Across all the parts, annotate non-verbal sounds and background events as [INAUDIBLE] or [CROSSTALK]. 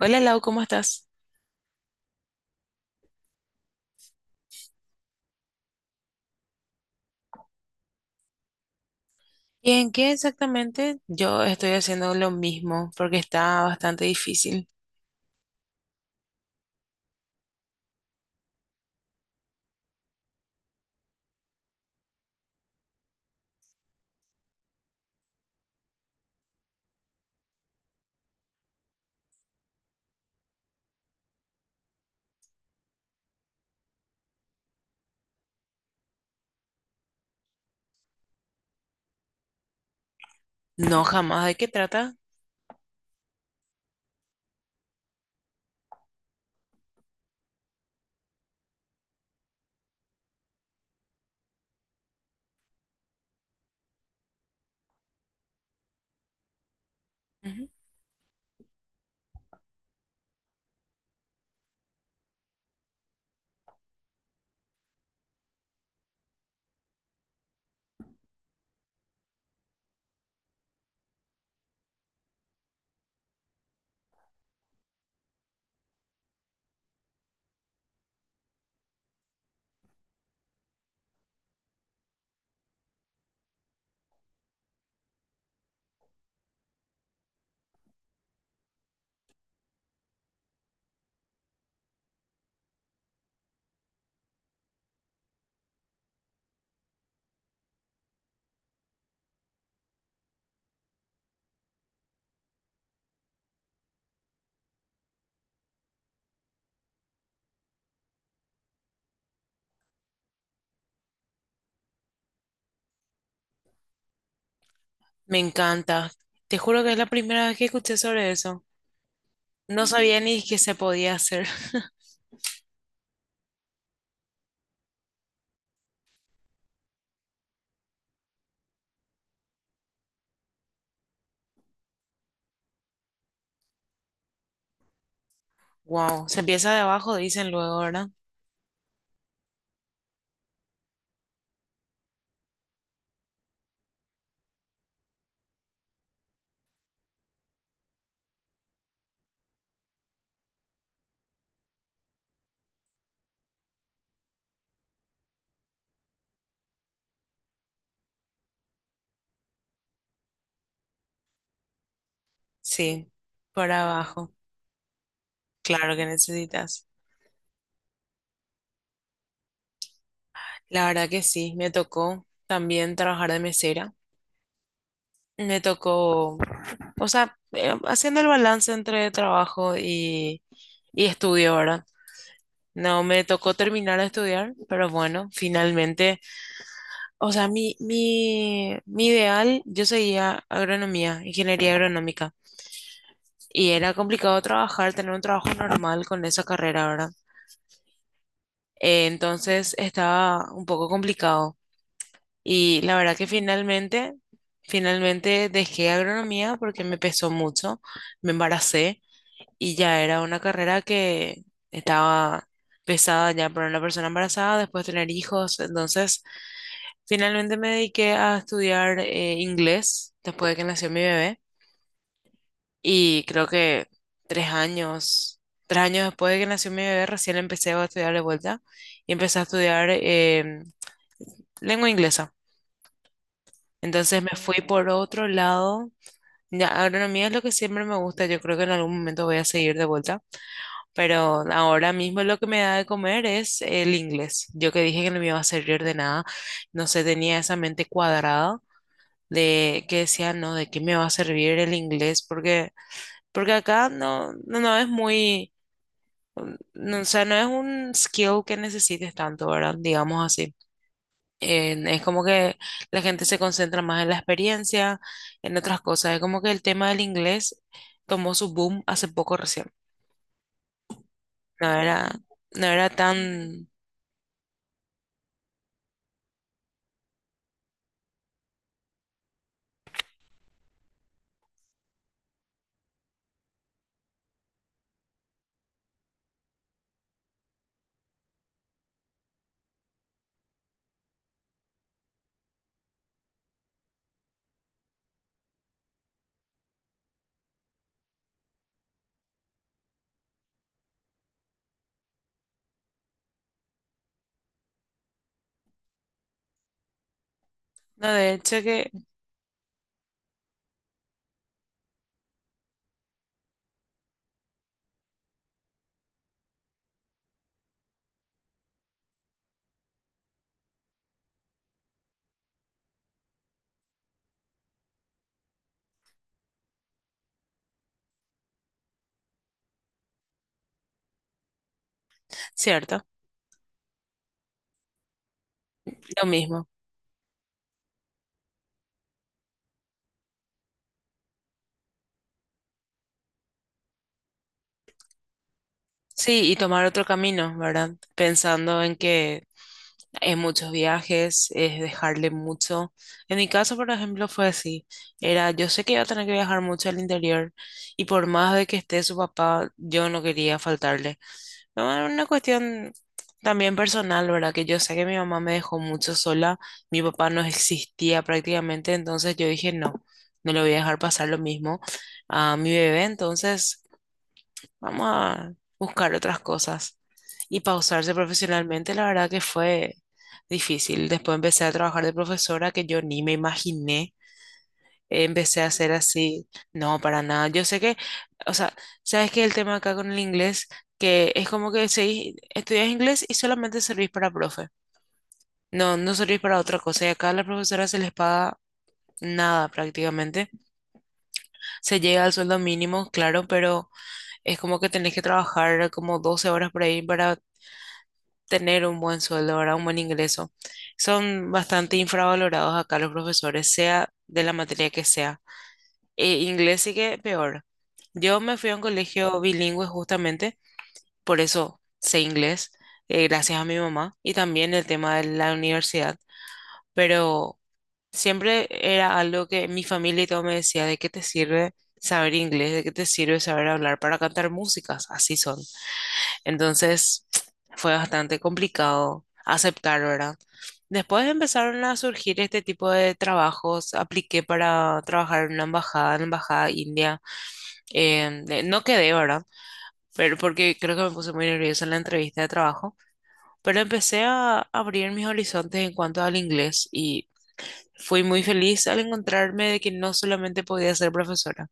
Hola Lau, ¿cómo estás? ¿Y en qué exactamente? Yo estoy haciendo lo mismo porque está bastante difícil. No, jamás. ¿De qué trata? Ujú. Me encanta. Te juro que es la primera vez que escuché sobre eso. No sabía ni que se podía hacer. [LAUGHS] Wow. Se empieza de abajo, dicen luego, ¿verdad? Sí, por abajo. Claro que necesitas. La verdad que sí, me tocó también trabajar de mesera. Me tocó. O sea, haciendo el balance entre trabajo y estudio, ¿verdad? No me tocó terminar de estudiar, pero bueno, finalmente, o sea, mi ideal, yo seguía agronomía, ingeniería agronómica, y era complicado trabajar, tener un trabajo normal con esa carrera, ¿verdad? Entonces estaba un poco complicado. Y la verdad que finalmente dejé agronomía porque me pesó mucho, me embaracé y ya era una carrera que estaba pesada ya para una persona embarazada, después tener hijos. Entonces, finalmente me dediqué a estudiar inglés después de que nació mi bebé y creo que tres años, 3 años después de que nació mi bebé, recién empecé a estudiar de vuelta y empecé a estudiar lengua inglesa. Entonces me fui por otro lado. Ya, agronomía es lo que siempre me gusta. Yo creo que en algún momento voy a seguir de vuelta. Pero ahora mismo lo que me da de comer es el inglés. Yo que dije que no me iba a servir de nada, no sé, tenía esa mente cuadrada de que decía, no, ¿de qué me va a servir el inglés? Porque acá no es muy, mm, no, o sea, no es un skill que necesites tanto, ¿verdad? Digamos así. Es como que la gente se concentra más en la experiencia, en otras cosas. Es como que el tema del inglés tomó su boom hace poco recién. No era, no era tan... No, de hecho que, cierto, lo mismo. Sí, y tomar otro camino, ¿verdad? Pensando en que hay muchos viajes, es dejarle mucho. En mi caso, por ejemplo, fue así. Era, yo sé que iba a tener que viajar mucho al interior y por más de que esté su papá, yo no quería faltarle. No, era una cuestión también personal, ¿verdad? Que yo sé que mi mamá me dejó mucho sola, mi papá no existía prácticamente, entonces yo dije, no, no le voy a dejar pasar lo mismo a mi bebé, entonces... Vamos a buscar otras cosas. Y pausarse profesionalmente, la verdad que fue difícil. Después empecé a trabajar de profesora que yo ni me imaginé. Empecé a hacer así, no, para nada. Yo sé que, o sea, sabes que el tema acá con el inglés, que es como que estudias inglés y solamente servís para profe. No, no servís para otra cosa. Y acá a las profesoras se les paga nada prácticamente. Se llega al sueldo mínimo, claro, pero es como que tenés que trabajar como 12 horas por ahí para tener un buen sueldo, ¿verdad? Un buen ingreso. Son bastante infravalorados acá los profesores, sea de la materia que sea. Inglés sí que peor. Yo me fui a un colegio bilingüe justamente, por eso sé inglés, gracias a mi mamá y también el tema de la universidad, pero siempre era algo que mi familia y todo me decía, ¿de qué te sirve saber inglés? ¿De qué te sirve saber hablar para cantar músicas? Así son. Entonces fue bastante complicado aceptar, ¿verdad? Después empezaron a surgir este tipo de trabajos. Apliqué para trabajar en una embajada, en la embajada india. No quedé, ¿verdad? Pero porque creo que me puse muy nerviosa en la entrevista de trabajo. Pero empecé a abrir mis horizontes en cuanto al inglés y fui muy feliz al encontrarme de que no solamente podía ser profesora.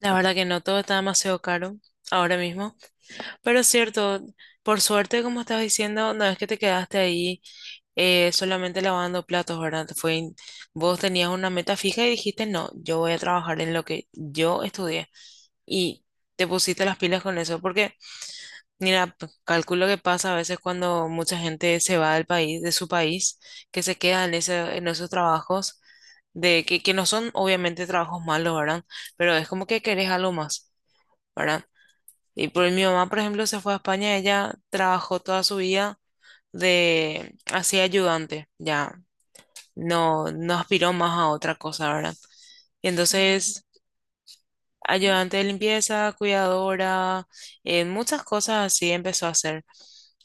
La verdad que no, todo está demasiado caro ahora mismo. Pero es cierto, por suerte, como estás diciendo, no es que te quedaste ahí solamente lavando platos, ¿verdad? Vos tenías una meta fija y dijiste, no, yo voy a trabajar en lo que yo estudié. Y te pusiste las pilas con eso, porque, mira, calculo que pasa a veces cuando mucha gente se va del país, de su país, que se queda en ese, en esos trabajos, que no son obviamente trabajos malos, ¿verdad? Pero es como que querés algo más, ¿verdad? Y por mi mamá, por ejemplo, se fue a España, ella trabajó toda su vida de así ayudante, ya no, no aspiró más a otra cosa, ¿verdad? Y entonces, ayudante de limpieza, cuidadora, muchas cosas así empezó a hacer.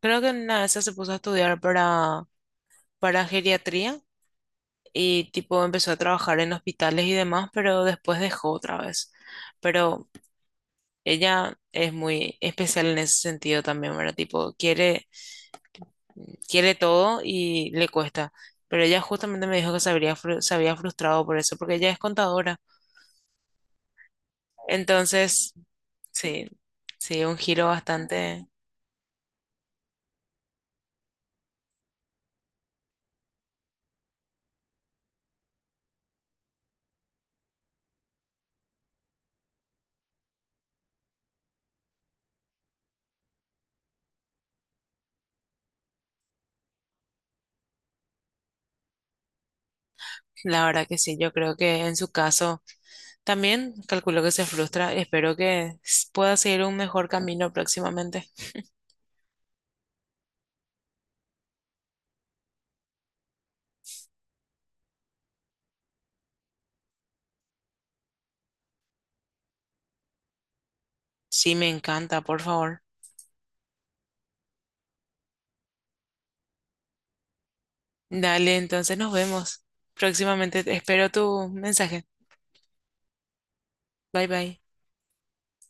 Creo que en una de esas se puso a estudiar para geriatría y tipo empezó a trabajar en hospitales y demás, pero después dejó otra vez. Pero ella es muy especial en ese sentido también, ¿verdad? Tipo, quiere todo y le cuesta. Pero ella justamente me dijo que se había frustrado por eso, porque ella es contadora. Entonces, sí, sí, un giro bastante. La verdad que sí, yo creo que en su caso también calculo que se frustra. Espero que pueda seguir un mejor camino próximamente. Sí, me encanta, por favor. Dale, entonces nos vemos. Próximamente espero tu mensaje. Bye bye.